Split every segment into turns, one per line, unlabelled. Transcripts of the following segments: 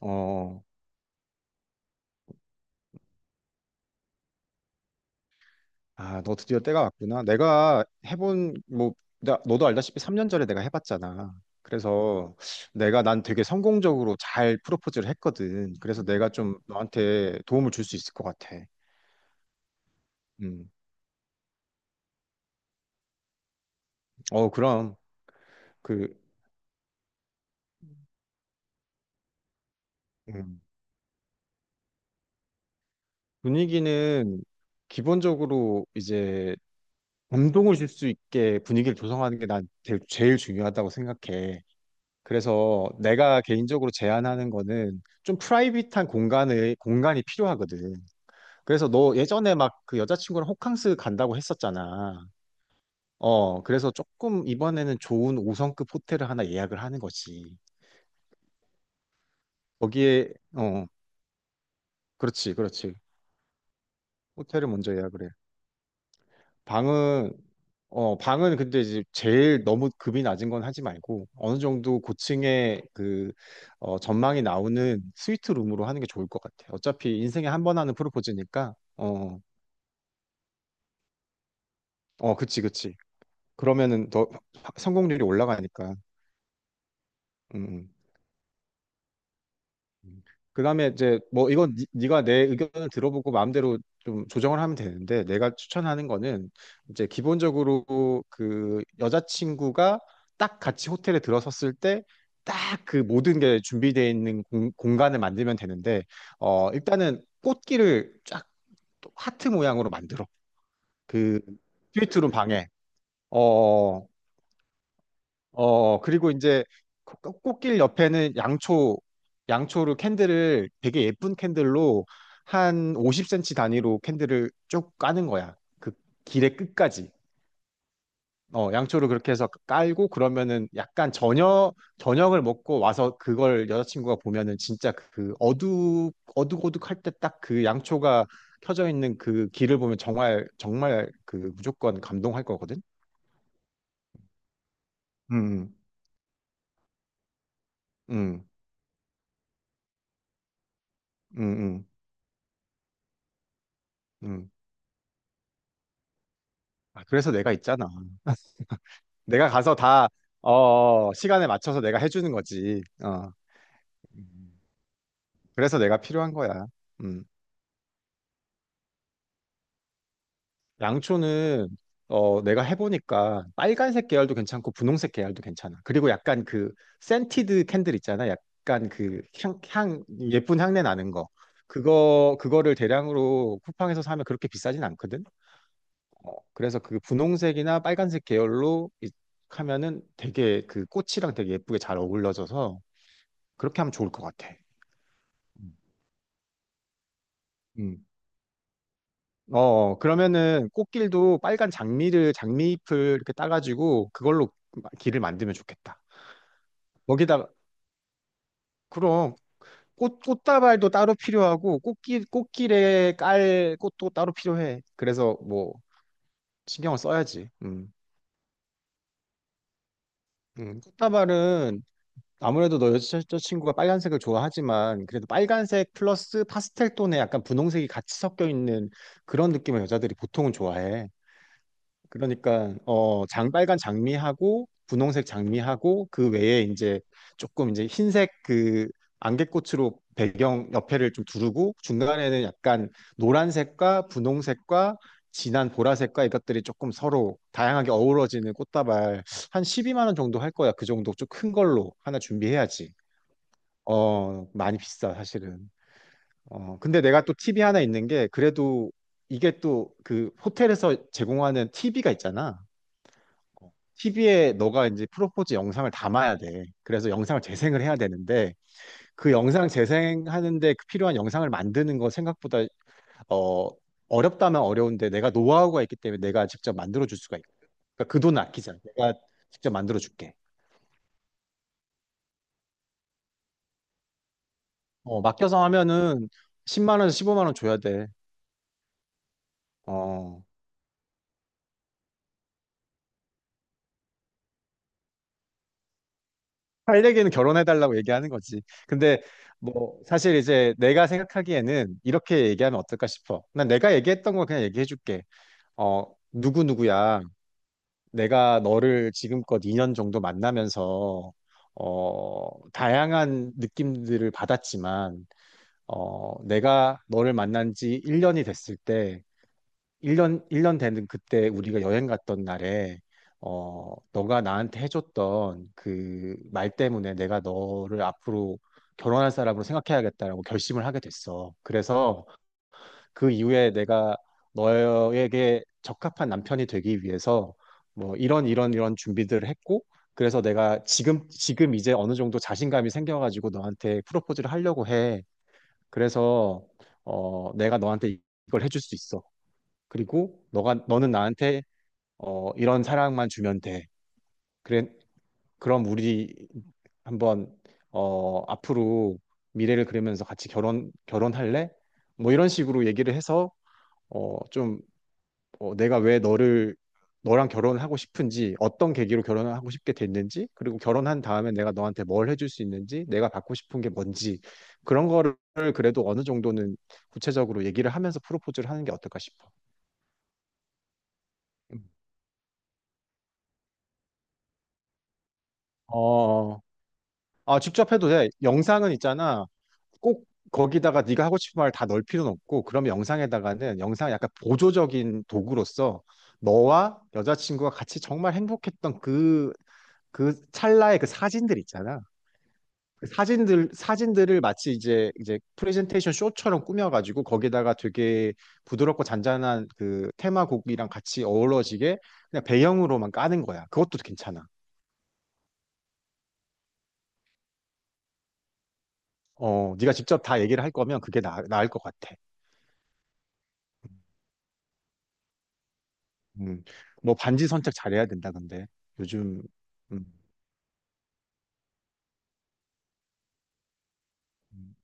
어, 아, 너 드디어 때가 왔구나. 뭐, 너도 알다시피 3년 전에 내가 해봤잖아. 그래서 내가 난 되게 성공적으로 잘 프로포즈를 했거든. 그래서 내가 좀 너한테 도움을 줄 수 있을 것 같아. 음. 어, 그럼, 그, 음. 분위기는 기본적으로 이제 감동을 줄 수 있게 분위기를 조성하는 게 난 제일 제일 중요하다고 생각해. 그래서 내가 개인적으로 제안하는 거는 좀 프라이빗한 공간의 공간이 필요하거든. 그래서 너 예전에 막 그 여자친구랑 호캉스 간다고 했었잖아. 어, 그래서 조금 이번에는 좋은 5성급 호텔을 하나 예약을 하는 거지. 거기에 어, 그렇지, 그렇지. 호텔을 먼저 예약을. 방은, 방은 근데 이제 제일 너무 급이 낮은 건 하지 말고 어느 정도 고층의 그, 전망이 나오는 스위트 룸으로 하는 게 좋을 것 같아. 어차피 인생에 한 번 하는 프로포즈니까. 그치 그치. 그러면은 더 성공률이 올라가니까. 음. 음. 그다음에 이제 뭐 이건 네가 내 의견을 들어보고 마음대로 좀 조정을 하면 되는데, 내가 추천하는 거는 이제 기본적으로 그 여자친구가 딱 같이 호텔에 들어섰을 때 딱 그 모든 게 준비되어 있는 공간을 만들면 되는데, 일단은 꽃길을 쫙 하트 모양으로 만들어, 그 스위트룸 방에. 어 어, 어. 어, 그리고 이제 꽃길 옆에는 양초로 캔들을, 되게 예쁜 캔들로 한 50cm 단위로 캔들을 쭉 까는 거야, 그 길의 끝까지. 어, 양초를 그렇게 해서 깔고 그러면은 약간 저녁을 먹고 와서 그걸 여자친구가 보면은 진짜 어둑어둑할 때 딱 그 양초가 켜져 있는 그 길을 보면 정말, 정말 그 무조건 감동할 거거든? 음, 음, 음, 음, 음. 아, 그래서 내가 있잖아. 내가 가서 다, 시간에 맞춰서 내가 해주는 거지. 어. 음. 그래서 내가 필요한 거야. 음. 양초는, 내가 해보니까 빨간색 계열도 괜찮고 분홍색 계열도 괜찮아. 그리고 약간 그 센티드 캔들 있잖아, 약간 그 향, 예쁜 향내 나는 거. 그거를 대량으로 쿠팡에서 사면 그렇게 비싸진 않거든. 어, 그래서 그 분홍색이나 빨간색 계열로 하면은 되게 그 꽃이랑 되게 예쁘게 잘 어울러져서, 그렇게 하면 좋을 것 같아. 음. 음. 어, 그러면은 꽃길도 빨간 장미잎을 이렇게 따가지고 그걸로 길을 만들면 좋겠다. 거기다가, 그럼 꽃다발도 따로 필요하고 꽃길에 깔 꽃도 따로 필요해. 그래서 뭐 신경을 써야지. 음. 음. 꽃다발은 아무래도 너 여자친구가 빨간색을 좋아하지만 그래도 빨간색 플러스 파스텔 톤에 약간 분홍색이 같이 섞여 있는 그런 느낌을 여자들이 보통은 좋아해. 그러니까 장빨간 장미하고 분홍색 장미하고 그 외에 이제 조금 이제 흰색 그 안개꽃으로 배경 옆에를 좀 두르고, 중간에는 약간 노란색과 분홍색과 진한 보라색과 이것들이 조금 서로 다양하게 어우러지는 꽃다발, 한 12만 원 정도 할 거야. 그 정도 좀 큰 걸로 하나 준비해야지. 많이 비싸 사실은. 근데 내가 또 팁이 하나 있는 게, 그래도 이게 또 그 호텔에서 제공하는 TV가 있잖아. TV에 너가 이제 프로포즈 영상을 담아야 돼. 그래서 영상을 재생을 해야 되는데, 그 영상 재생하는데 그 필요한 영상을 만드는 거 생각보다 어 어렵다면 어려운데, 내가 노하우가 있기 때문에 내가 직접 만들어 줄 수가 있고. 그러니까 그 돈 아끼자. 내가 직접 만들어 줄게. 맡겨서 하면은 10만 원에서 15만 원 줘야 돼. 어. 할 얘기는 결혼해 달라고 얘기하는 거지. 근데 뭐 사실 이제 내가 생각하기에는 이렇게 얘기하면 어떨까 싶어. 난 내가 얘기했던 거 그냥 얘기해 줄게. 어, 누구누구야, 내가 너를 지금껏 2년 정도 만나면서, 다양한 느낌들을 받았지만, 내가 너를 만난 지 1년이 됐을 때, 1년 되는 그때 우리가 여행 갔던 날에, 너가 나한테 해줬던 그 말 때문에 내가 너를 앞으로 결혼할 사람으로 생각해야겠다라고 결심을 하게 됐어. 그래서 그 이후에 내가 너에게 적합한 남편이 되기 위해서 뭐 이런 이런 이런 준비들을 했고, 그래서 내가 지금 이제 어느 정도 자신감이 생겨가지고 너한테 프로포즈를 하려고 해. 그래서 내가 너한테 이걸 해줄 수 있어. 그리고 너가 너는 나한테 이런 사랑만 주면 돼. 그래. 그럼 우리 한번 앞으로 미래를 그리면서 같이 결혼할래? 뭐 이런 식으로 얘기를 해서, 어좀, 내가 왜 너를 너랑 결혼을 하고 싶은지, 어떤 계기로 결혼을 하고 싶게 됐는지, 그리고 결혼한 다음에 내가 너한테 뭘 해줄 수 있는지, 내가 받고 싶은 게 뭔지, 그런 거를 그래도 어느 정도는 구체적으로 얘기를 하면서 프로포즈를 하는 게 어떨까 싶어. 음. 어, 아, 직접 해도 돼. 영상은 있잖아, 꼭 거기다가 네가 하고 싶은 말 다 넣을 필요는 없고. 그럼 영상에다가는, 영상 약간 보조적인 도구로서 너와 여자친구가 같이 정말 행복했던 그, 그 찰나의 그 사진들 있잖아, 그 사진들을 마치 이제 프레젠테이션 쇼처럼 꾸며가지고 거기다가 되게 부드럽고 잔잔한 그 테마곡이랑 같이 어우러지게 그냥 배경으로만 까는 거야. 그것도 괜찮아. 어, 네가 직접 다 얘기를 할 거면 그게 나을 것 같아. 음, 뭐 반지 선택 잘해야 된다. 근데 요즘. 음, 음,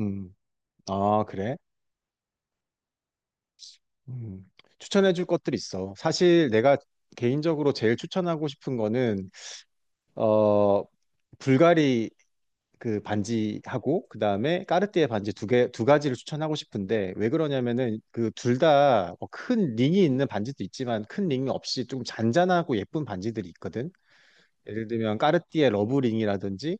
음. 아 그래? 음. 추천해줄 것들 있어. 사실 내가 개인적으로 제일 추천하고 싶은 거는 어 불가리 그 반지하고 그다음에 까르띠에 반지, 두 가지를 추천하고 싶은데 왜 그러냐면은 그 둘다 뭐 큰 링이 있는 반지도 있지만 큰 링이 없이 조금 잔잔하고 예쁜 반지들이 있거든. 예를 들면 까르띠에 러브링이라든지,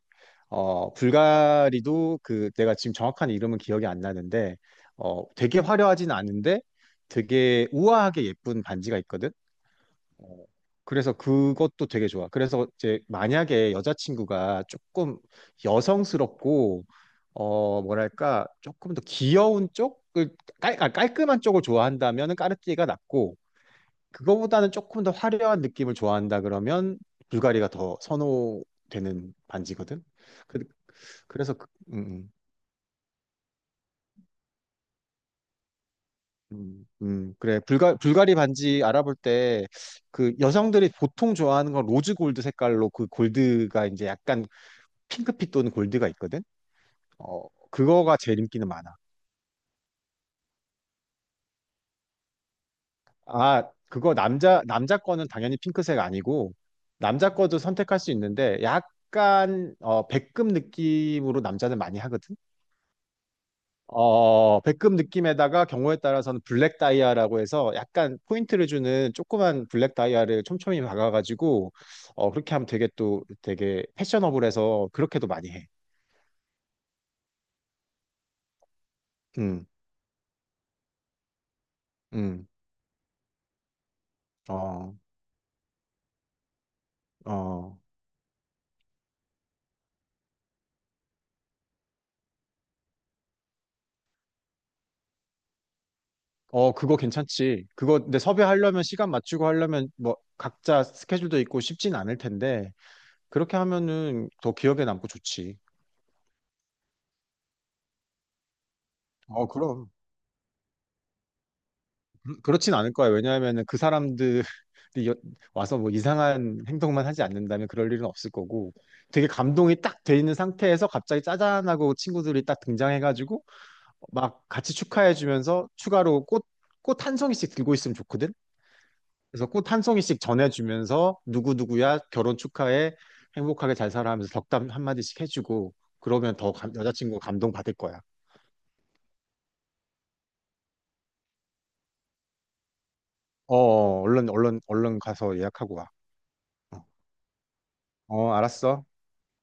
불가리도 그 내가 지금 정확한 이름은 기억이 안 나는데, 되게 화려하진 않은데 되게 우아하게 예쁜 반지가 있거든. 어, 그래서 그것도 되게 좋아. 그래서 이제 만약에 여자친구가 조금 여성스럽고, 어, 뭐랄까, 조금 더 귀여운 쪽을, 깔끔한 쪽을 좋아한다면 까르띠에가 낫고, 그거보다는 조금 더 화려한 느낌을 좋아한다 그러면 불가리가 더 선호되는 반지거든. 그, 그래서, 음, 음, 음, 그래. 불가리 반지 알아볼 때, 그 여성들이 보통 좋아하는 건 로즈 골드 색깔로, 그 골드가 이제 약간 핑크빛 또는 골드가 있거든. 어, 그거가 제일 인기는 많아. 아, 그거 남자 거는 당연히 핑크색 아니고, 남자 거도 선택할 수 있는데 약간 백금 느낌으로 남자는 많이 하거든. 어, 백금 느낌에다가 경우에 따라서는 블랙 다이아라고 해서 약간 포인트를 주는 조그만 블랙 다이아를 촘촘히 박아가지고, 어, 그렇게 하면 되게 또 되게 패셔너블해서 그렇게도 많이 해. 음, 음, 어, 어. 어, 그거 괜찮지. 그거, 근데 섭외하려면 시간 맞추고 하려면 뭐 각자 스케줄도 있고 쉽진 않을 텐데, 그렇게 하면은 더 기억에 남고 좋지. 어, 그럼. 그렇진 않을 거야. 왜냐하면은 그 사람들이 여- 와서 뭐 이상한 행동만 하지 않는다면 그럴 일은 없을 거고, 되게 감동이 딱 돼 있는 상태에서 갑자기 짜잔하고 친구들이 딱 등장해가지고 막 같이 축하해주면서 추가로 꽃 한 송이씩 들고 있으면 좋거든? 그래서 꽃 한 송이씩 전해주면서, 누구누구야 결혼 축하해, 행복하게 잘 살아 하면서 덕담 한마디씩 해주고 그러면 더 여자친구 감동받을 거야. 어, 어, 얼른 얼른 얼른 가서 예약하고 와. 어, 어, 알았어.